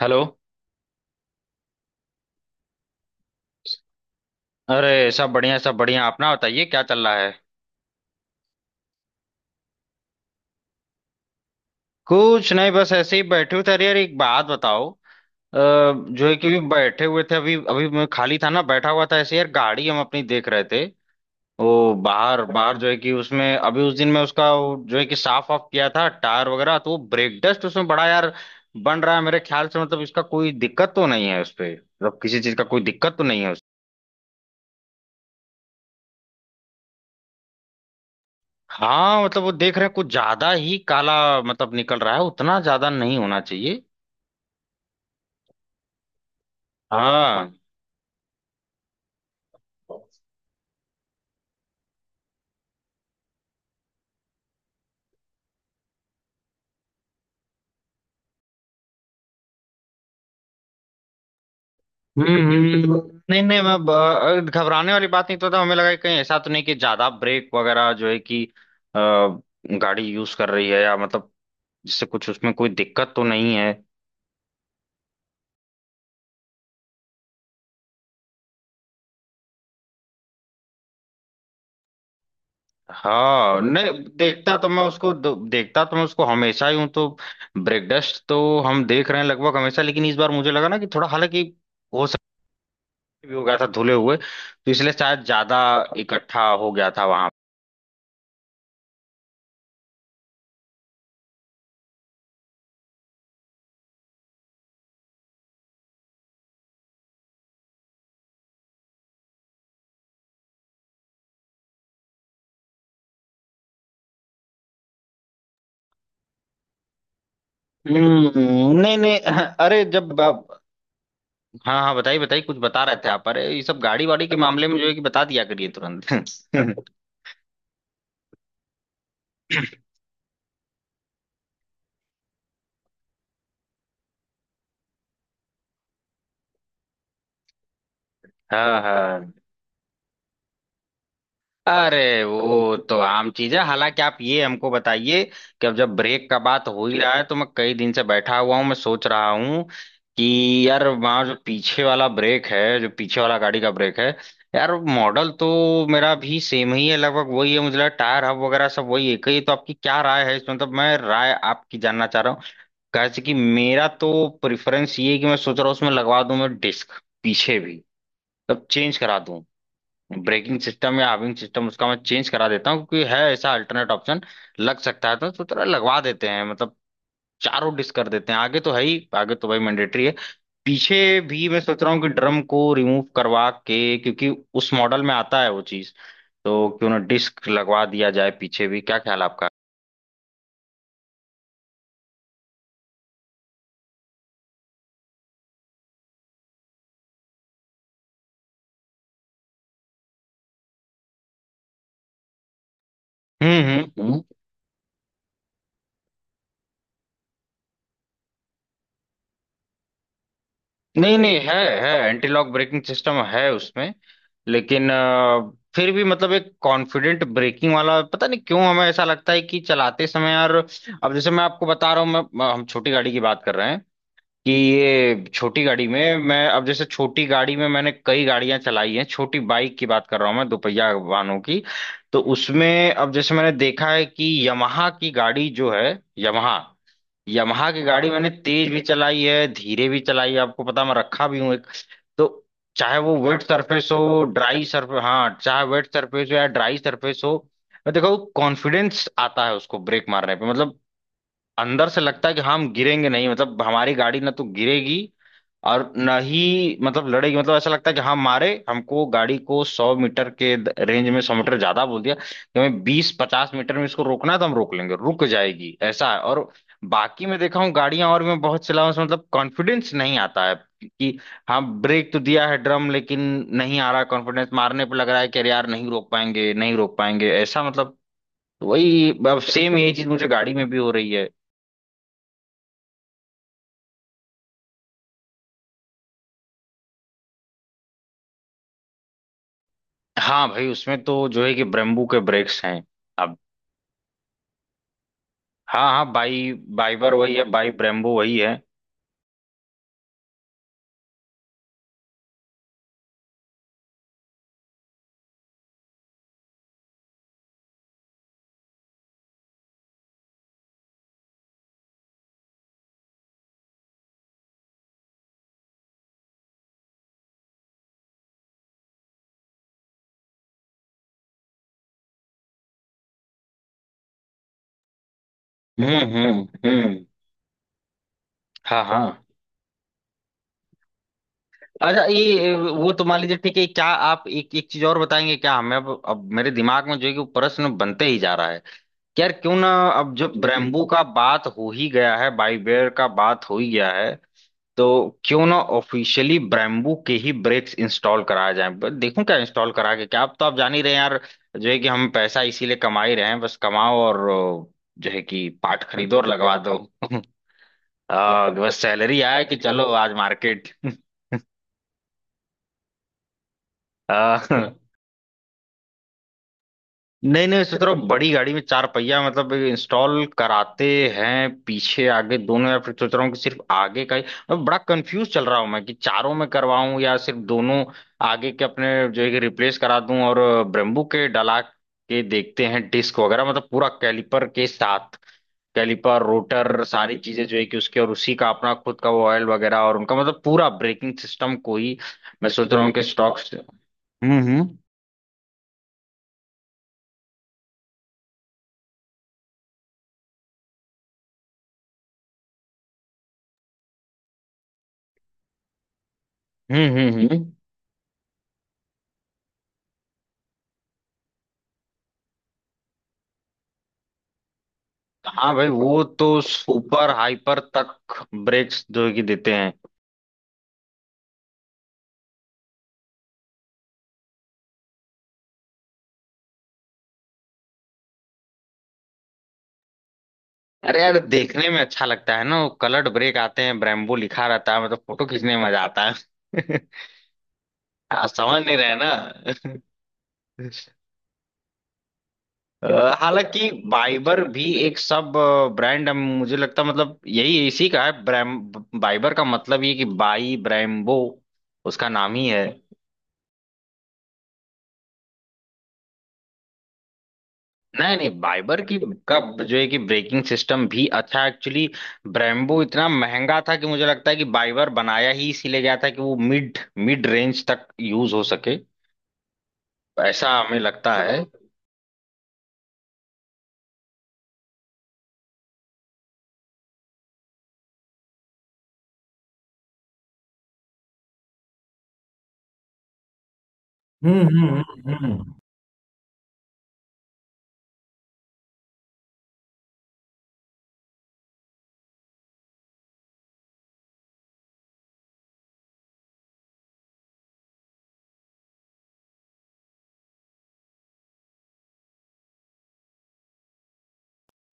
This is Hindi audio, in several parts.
हेलो। अरे, सब बढ़िया, सब बढ़िया। अपना बताइए, क्या चल रहा है? कुछ नहीं, बस ऐसे ही बैठे हुए थे। अरे यार, एक बात बताओ। जो है कि अभी बैठे हुए थे, अभी अभी मैं खाली था ना, बैठा हुआ था ऐसे। यार गाड़ी हम अपनी देख रहे थे। वो बाहर बाहर जो है कि उसमें, अभी उस दिन मैं उसका वो जो है कि साफ ऑफ किया था, टायर वगैरह, तो वो ब्रेक डस्ट उसमें बड़ा यार बन रहा है मेरे ख्याल से। मतलब इसका कोई दिक्कत तो नहीं है उस पे? मतलब किसी चीज का कोई दिक्कत तो नहीं है? हाँ, मतलब वो देख रहे हैं कुछ ज्यादा ही काला, मतलब निकल रहा है। उतना ज्यादा नहीं होना चाहिए। हाँ। हम्म हम्म। नहीं नहीं, मैं घबराने वाली बात नहीं तो था, हमें लगा कि कहीं ऐसा तो नहीं कि ज्यादा ब्रेक वगैरह जो है कि अ, गाड़ी यूज कर रही है, या मतलब जिससे कुछ उसमें कोई दिक्कत तो नहीं है। हाँ नहीं, देखता तो मैं उसको हमेशा ही हूँ, तो ब्रेक डस्ट तो हम देख रहे हैं लगभग हमेशा, लेकिन इस बार मुझे लगा ना कि थोड़ा, हालांकि हो भी हो गया था धुले हुए, तो इसलिए शायद ज्यादा इकट्ठा हो गया था वहां। नहीं नहीं, अरे जब हाँ हाँ, बताइए बताइए, कुछ बता रहे थे आप। अरे, ये सब गाड़ी वाड़ी के मामले में जो है कि बता दिया करिए तुरंत। हाँ हाँ, अरे वो तो आम चीज है। हालांकि आप ये हमको बताइए कि अब जब ब्रेक का बात हो ही रहा है, तो मैं कई दिन से बैठा हुआ हूँ, मैं सोच रहा हूँ कि यार वहाँ जो पीछे वाला ब्रेक है, जो पीछे वाला गाड़ी का ब्रेक है, यार मॉडल तो मेरा भी सेम ही है, लगभग वही है, मुझे लगा टायर हब वगैरह सब वही एक ही है, तो आपकी क्या राय है इसमें, मतलब मैं राय आपकी जानना चाह रहा हूँ, कैसे? कि मेरा तो प्रेफरेंस ये है कि मैं सोच रहा हूँ उसमें लगवा दूं मैं डिस्क, पीछे भी, मतलब चेंज करा दूं, ब्रेकिंग सिस्टम या हार्विंग सिस्टम उसका मैं चेंज करा देता हूँ, क्योंकि है ऐसा अल्टरनेट ऑप्शन, लग सकता है, तो तरह लगवा देते हैं। मतलब चारों डिश कर देते हैं, आगे तो है ही, आगे तो भाई मैंडेटरी है। पीछे भी मैं सोच रहा हूँ कि ड्रम को रिमूव करवा के, क्योंकि उस मॉडल में आता है वो चीज, तो क्यों ना डिस्क लगवा दिया जाए पीछे भी? क्या ख्याल है आपका? हम्म हम्म हम्म। नहीं नहीं, है एंटी लॉक ब्रेकिंग सिस्टम है उसमें। लेकिन फिर भी मतलब एक कॉन्फिडेंट ब्रेकिंग वाला पता नहीं क्यों हमें ऐसा लगता है कि चलाते समय यार, अब जैसे मैं आपको बता रहा हूँ, मैं हम छोटी गाड़ी की बात कर रहे हैं कि ये छोटी गाड़ी में मैं, अब जैसे छोटी गाड़ी में मैंने कई गाड़ियां चलाई हैं, छोटी बाइक की बात कर रहा हूँ मैं, दोपहिया वाहनों की। तो उसमें अब जैसे मैंने देखा है कि यमाहा की गाड़ी जो है यमाहा यमहा की गाड़ी मैंने तेज भी चलाई है, धीरे भी चलाई है, आपको पता मैं रखा भी हूँ एक। तो चाहे वो वेट सरफेस हो, ड्राई सरफेस, हाँ, चाहे वेट सरफेस हो या ड्राई सरफेस हो, मैं देखो कॉन्फिडेंस आता है उसको ब्रेक मारने पे, मतलब अंदर से लगता है कि हम गिरेंगे नहीं, मतलब हमारी गाड़ी ना तो गिरेगी और ना ही, मतलब लड़ेगी, मतलब ऐसा लगता है कि हम मारे हमको गाड़ी को 100 मीटर के रेंज में, 100 मीटर ज्यादा बोल दिया, कि हमें 20-50 मीटर में इसको रोकना है, तो हम रोक लेंगे, रुक जाएगी ऐसा है। और बाकी मैं देखा हूँ गाड़ियां और मैं बहुत चलाऊं उसमें, मतलब कॉन्फिडेंस नहीं आता है कि हाँ, ब्रेक तो दिया है ड्रम, लेकिन नहीं आ रहा कॉन्फिडेंस मारने पे, लग रहा है कि अरे यार, नहीं रोक पाएंगे, नहीं रोक पाएंगे, ऐसा मतलब वही अब सेम यही चीज मुझे गाड़ी में भी हो रही है। हाँ भाई, उसमें तो जो है कि ब्रेम्बू के ब्रेक्स हैं। अब हाँ हाँ, बाई बाइबर वही है, बाई ब्रेम्बू वही है। हम्म, हाँ हाँ। अच्छा, ये वो तो मान लीजिए ठीक है, क्या आप एक एक चीज और बताएंगे क्या हमें? अब मेरे दिमाग में जो है कि वो प्रश्न बनते ही जा रहा है कि यार क्यों ना, अब जब ब्रेम्बू का बात हो ही गया है, बाइबेर का बात हो ही गया है, तो क्यों ना ऑफिशियली ब्रेम्बू के ही ब्रेक्स इंस्टॉल कराया जाए, बस देखूं क्या इंस्टॉल करा के। क्या, आप तो आप जान ही रहे हैं यार, जो है कि हम पैसा इसीलिए कमा ही रहे हैं, बस कमाओ और जो है कि पार्ट खरीदो और लगवा दो। बस सैलरी आए कि चलो आज मार्केट। आ, नहीं नहीं, सोच रहा हूँ बड़ी गाड़ी में चार पहिया मतलब इंस्टॉल कराते हैं पीछे आगे दोनों, या फिर सोच रहा हूँ कि सिर्फ आगे का ही। मैं बड़ा कंफ्यूज चल रहा हूँ मैं कि चारों में करवाऊं या सिर्फ दोनों आगे के अपने जो है कि रिप्लेस करा दूं, और ब्रेम्बू के डला के देखते हैं डिस्क वगैरह, मतलब पूरा कैलिपर के साथ, कैलिपर रोटर सारी चीजें जो है कि उसके, और उसी का अपना खुद का वो ऑयल वगैरह, और उनका मतलब पूरा ब्रेकिंग सिस्टम को ही मैं सोच रहा हूँ कि स्टॉक। हम्म हम्म हम्म हम्म हम्म। हाँ भाई, वो तो सुपर हाइपर तक ब्रेक्स जो कि देते हैं। अरे यार, देखने में अच्छा लगता है ना, वो कलर्ड ब्रेक आते हैं, ब्रेम्बो लिखा रहता है, मतलब फोटो खींचने में मजा आता है। आप समझ नहीं रहे ना? अ, हालांकि बाइबर भी एक सब ब्रांड मुझे लगता है, मतलब यही इसी का है ब्रैम, बाइबर का मतलब ये कि बाई ब्रेम्बो, उसका नाम ही है। नहीं नहीं, बाइबर की का जो है कि ब्रेकिंग सिस्टम भी अच्छा है। एक्चुअली ब्रेम्बो इतना महंगा था कि मुझे लगता है कि बाइबर बनाया ही इसीलिए गया था कि वो मिड मिड रेंज तक यूज हो सके। ऐसा हमें लगता है। हम्म हम्म हम्म हम्म।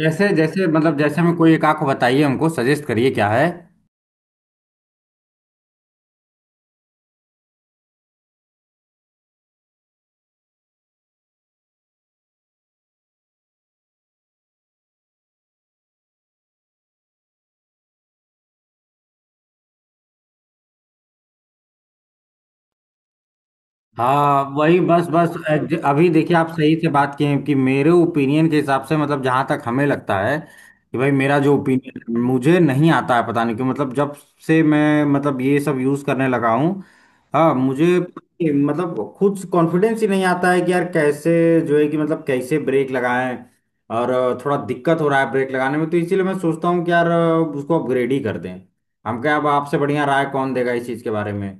जैसे जैसे, मतलब जैसे में कोई एक आंख बताइए, हमको सजेस्ट करिए क्या है? हाँ वही, बस बस अभी देखिए, आप सही से बात किए हैं कि मेरे ओपिनियन के हिसाब से, मतलब जहां तक हमें लगता है कि भाई, मेरा जो ओपिनियन मुझे नहीं आता है पता नहीं क्यों, मतलब जब से मैं मतलब ये सब यूज करने लगा हूँ, हाँ, मुझे मतलब खुद कॉन्फिडेंस ही नहीं आता है कि यार कैसे जो है कि मतलब कैसे ब्रेक लगाएं, और थोड़ा दिक्कत हो रहा है ब्रेक लगाने में, तो इसीलिए मैं सोचता हूँ कि यार उसको अपग्रेड ही कर दें। हम क्या, अब आपसे बढ़िया राय कौन देगा इस चीज के बारे में?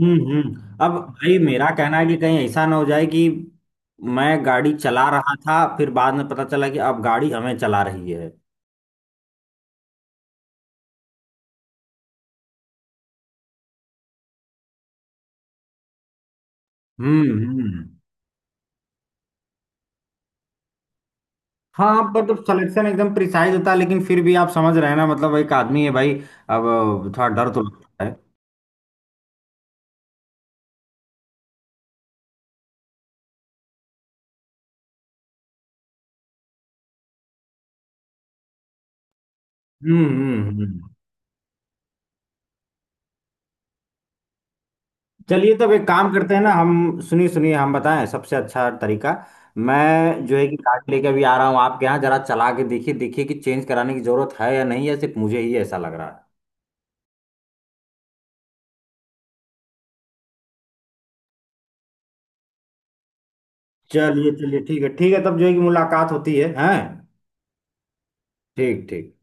अब भाई मेरा कहना है कि कहीं ऐसा ना हो जाए कि मैं गाड़ी चला रहा था फिर बाद में पता चला कि अब गाड़ी हमें चला रही है। हम्म, हाँ, आप मतलब सिलेक्शन एकदम प्रिसाइज होता है, लेकिन फिर भी आप समझ रहे हैं ना? मतलब एक आदमी है भाई, अब थोड़ा डर तो लगता है। हम्म हम्म हम्म। चलिए, तब एक काम करते हैं ना हम, सुनिए सुनिए, हम बताएं सबसे अच्छा तरीका। मैं जो है कि गाड़ी लेके अभी आ रहा हूँ आपके यहाँ, जरा चला के देखिए, देखिए कि चेंज कराने की जरूरत है या नहीं, या सिर्फ मुझे ही ऐसा लग रहा है। चलिए चलिए, ठीक है ठीक है। तब जो है कि मुलाकात होती है हैं ठीक ठीक।